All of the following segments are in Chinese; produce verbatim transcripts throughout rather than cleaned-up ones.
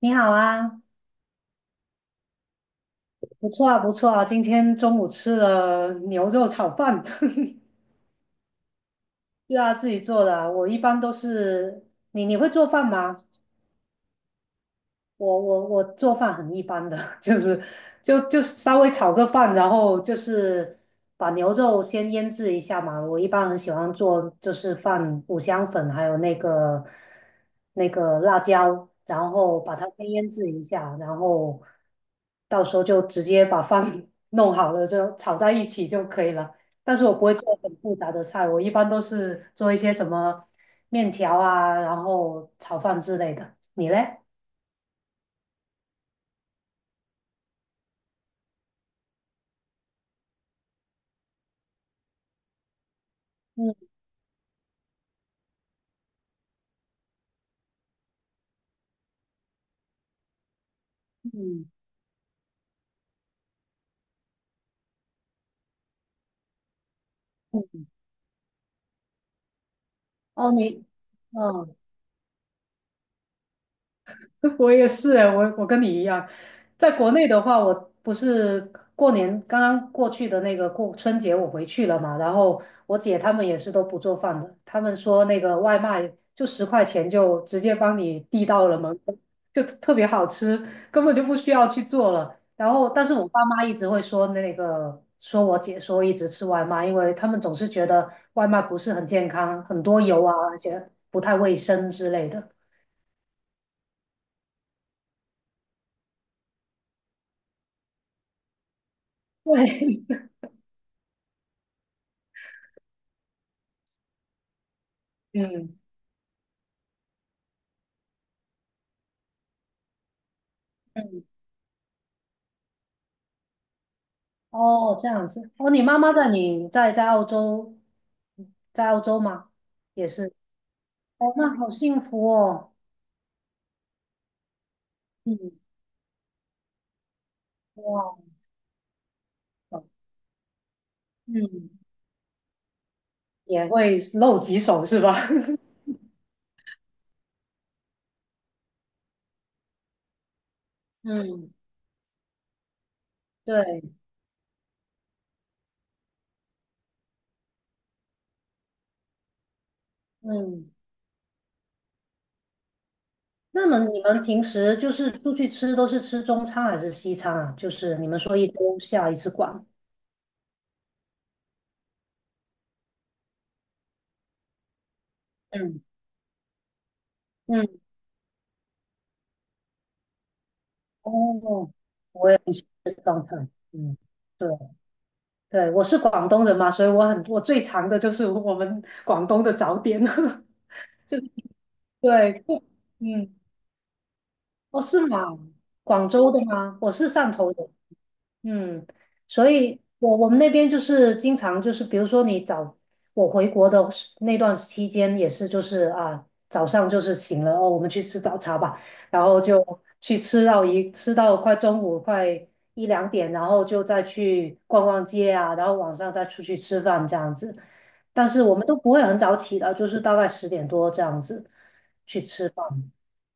你好啊，不错啊，不错啊。今天中午吃了牛肉炒饭，是啊，自己做的啊我一般都是你，你会做饭吗？我我我做饭很一般的，就是就就稍微炒个饭，然后就是把牛肉先腌制一下嘛。我一般很喜欢做，就是放五香粉，还有那个那个辣椒，然后把它先腌制一下，然后到时候就直接把饭 弄好了，就炒在一起就可以了。但是我不会做很复杂的菜，我一般都是做一些什么面条啊，然后炒饭之类的。你嘞？嗯。嗯嗯，哦，你，哦。我也是哎，我我跟你一样，在国内的话，我不是过年刚刚过去的那个过春节，我回去了嘛，然后我姐他们也是都不做饭的，他们说那个外卖就十块钱就直接帮你递到了门口，就特别好吃，根本就不需要去做了。然后，但是我爸妈一直会说那个说我姐说一直吃外卖，因为他们总是觉得外卖不是很健康，很多油啊，而且不太卫生之类的。对，嗯。嗯，哦，这样子。哦，你妈妈在你在在澳洲，在澳洲吗？也是。哦，那好幸福哦。嗯，哇，嗯，也会露几手是吧？嗯，对，嗯。那么你们平时就是出去吃都是吃中餐还是西餐啊？就是你们说一周下一次馆。嗯嗯，哦，我也是中餐。嗯，对。对，我是广东人嘛，所以我很我最常的就是我们广东的早点。对，嗯，哦，是吗？广州的吗？我是汕头的。嗯，所以我我们那边就是经常就是，比如说你早我回国的时那段期间也是，就是啊早上就是醒了哦，我们去吃早茶吧，然后就去吃到一吃到快中午快一两点，然后就再去逛逛街啊，然后晚上再出去吃饭这样子。但是我们都不会很早起的，就是大概十点多这样子去吃饭，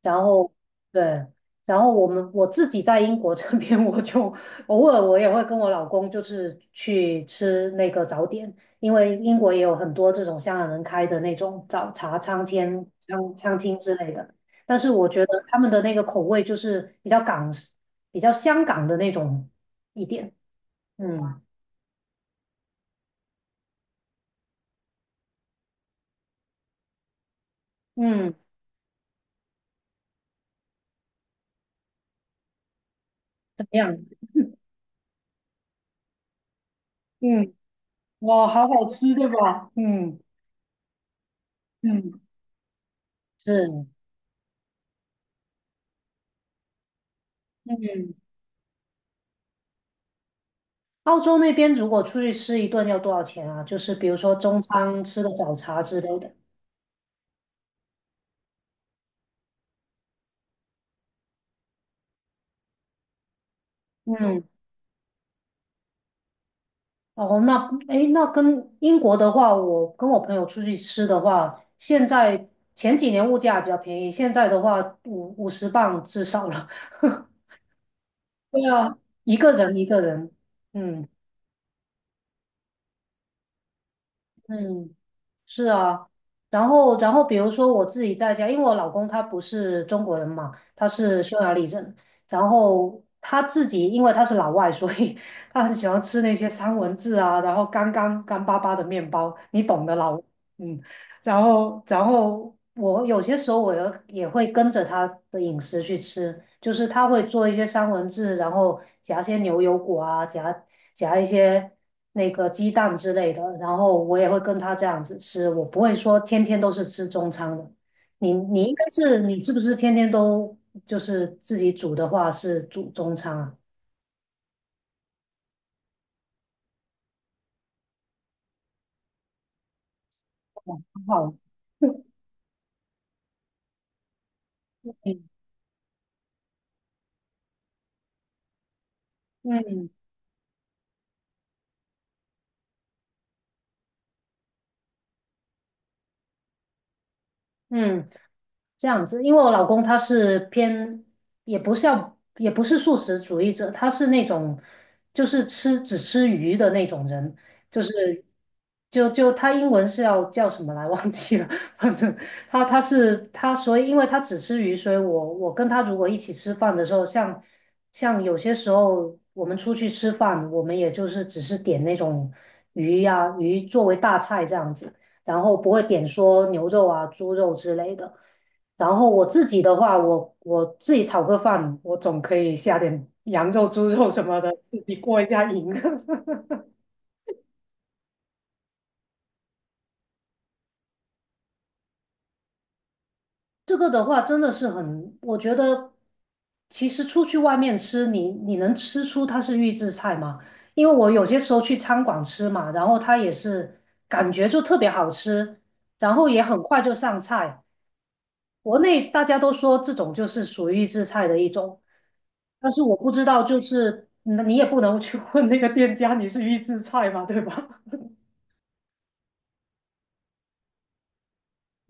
然后对。然后我们我自己在英国这边，我就偶尔我也会跟我老公就是去吃那个早点，因为英国也有很多这种香港人开的那种早茶餐厅、餐餐厅之类的。但是我觉得他们的那个口味就是比较港、比较香港的那种一点。嗯嗯，怎么样？嗯，哇，好好吃，对吧？嗯嗯，是嗯。澳洲那边如果出去吃一顿要多少钱啊？就是比如说中餐吃个早茶之类的。嗯哦，那诶，那跟英国的话，我跟我朋友出去吃的话，现在前几年物价比较便宜，现在的话五五十磅至少了。对啊，一个人一个人，嗯。嗯，是啊，然后然后比如说我自己在家，因为我老公他不是中国人嘛，他是匈牙利人，然后他自己因为他是老外，所以 他很喜欢吃那些三文治啊，然后干干干巴巴的面包，你懂的老，嗯，然后然后我有些时候我也也会跟着他的饮食去吃，就是他会做一些三文治，然后夹一些牛油果啊，夹夹一些。那个鸡蛋之类的，然后我也会跟他这样子吃，我不会说天天都是吃中餐的。你你应该是你是不是天天都就是自己煮的话是煮中餐啊？好，嗯嗯嗯。这样子，因为我老公他是偏，也不是要，也不是素食主义者，他是那种就是吃只吃鱼的那种人，就是就就他英文是要叫什么来 忘记了，反正他他是他，所以因为他只吃鱼，所以我我跟他如果一起吃饭的时候，像像有些时候我们出去吃饭，我们也就是只是点那种鱼呀、鱼作为大菜这样子。然后不会点说牛肉啊、猪肉之类的。然后我自己的话，我我自己炒个饭，我总可以下点 羊肉、猪肉什么的，自己过一下瘾。这个的话真的是很，我觉得其实出去外面吃，你你能吃出它是预制菜吗？因为我有些时候去餐馆吃嘛，然后它也是感觉就特别好吃，然后也很快就上菜。国内大家都说这种就是属于预制菜的一种，但是我不知道，就是那你也不能去问那个店家你是预制菜嘛，对吧？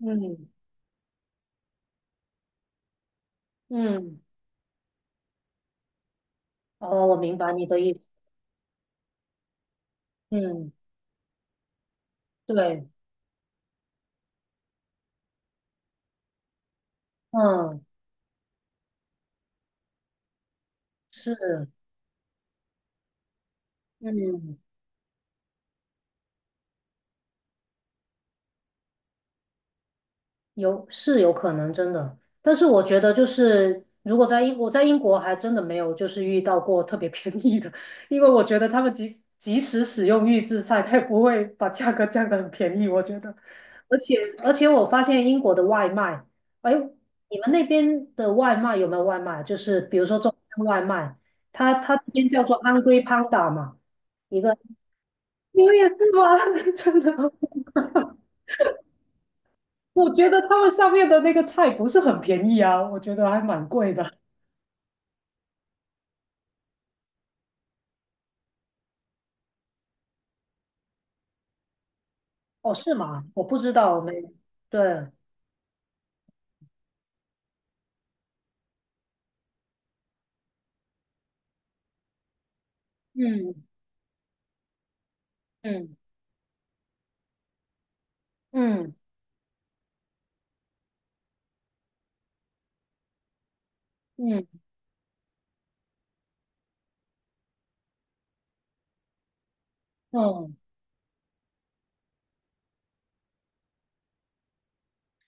嗯嗯，哦，我明白你的意思。嗯，对，嗯，是，嗯。有是有可能真的，但是我觉得就是如果在英我在英国还真的没有就是遇到过特别便宜的，因为我觉得他们即即使使用预制菜，他也不会把价格降得很便宜，我觉得。而且而且我发现英国的外卖，哎，你们那边的外卖有没有外卖？就是比如说中餐外卖，它它这边叫做 Hungry Panda 嘛，一个你们也是吗？真的。我觉得他们上面的那个菜不是很便宜啊，我觉得还蛮贵的。哦，是吗？我不知道，我没，对，嗯嗯嗯嗯嗯，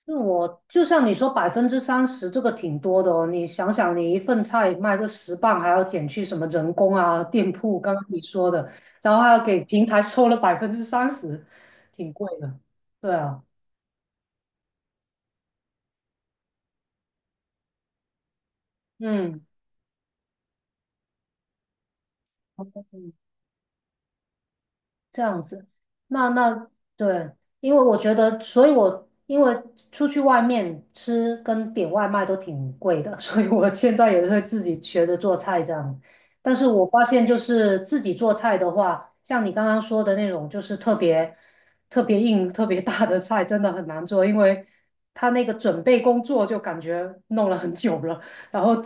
那我就像你说，百分之三十这个挺多的哦。你想想，你一份菜卖个十磅，还要减去什么人工啊、店铺，刚刚你说的，然后还要给平台收了百分之三十，挺贵的。对啊，嗯嗯，这样子，那那对，因为我觉得，所以我因为出去外面吃跟点外卖都挺贵的，所以我现在也是会自己学着做菜这样。但是我发现，就是自己做菜的话，像你刚刚说的那种，就是特别特别硬、特别大的菜，真的很难做，因为他那个准备工作就感觉弄了很久了。然后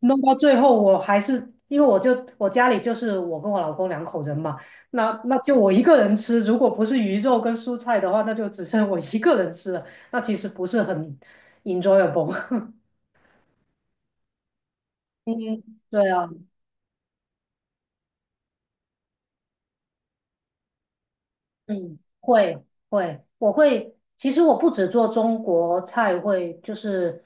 弄到最后，我还是因为我就我家里就是我跟我老公两口人嘛。那那就我一个人吃，如果不是鱼肉跟蔬菜的话，那就只剩我一个人吃了，那其实不是很 enjoyable。嗯，对啊，嗯，会会，我会。其实我不只做中国菜，会就是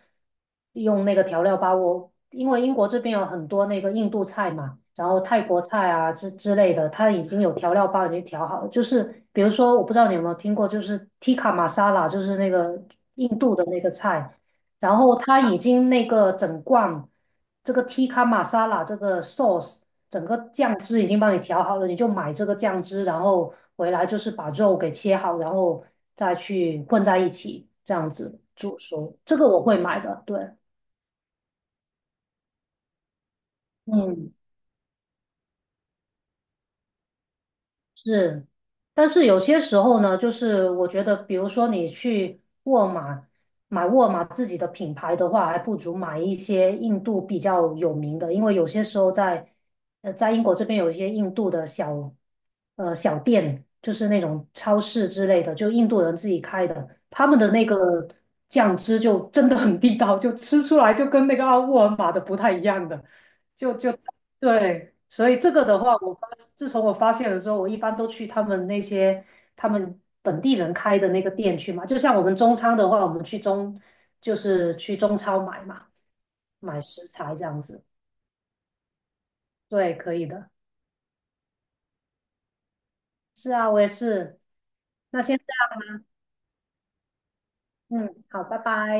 用那个调料包。我因为英国这边有很多那个印度菜嘛，然后泰国菜啊之之类的，它已经有调料包已经调好了就是比如说，我不知道你有没有听过，就是 tikka masala,就是那个印度的那个菜，然后它已经那个整罐这个 tikka masala 这个 sauce。整个酱汁已经帮你调好了，你就买这个酱汁，然后回来就是把肉给切好，然后再去混在一起，这样子煮熟。这个我会买的，对，嗯是，但是有些时候呢，就是我觉得，比如说你去沃尔玛买沃尔玛自己的品牌的话，还不如买一些印度比较有名的，因为有些时候在呃在英国这边有一些印度的小呃小店，就是那种超市之类的，就印度人自己开的，他们的那个酱汁就真的很地道，就吃出来就跟那个啊沃尔玛的不太一样的。就就对，所以这个的话，我发自从我发现了之后，我一般都去他们那些他们本地人开的那个店去嘛。就像我们中餐的话，我们去中就是去中超买嘛，买食材这样子。对，可以的。是啊，我也是。那现在，嗯，好，拜拜。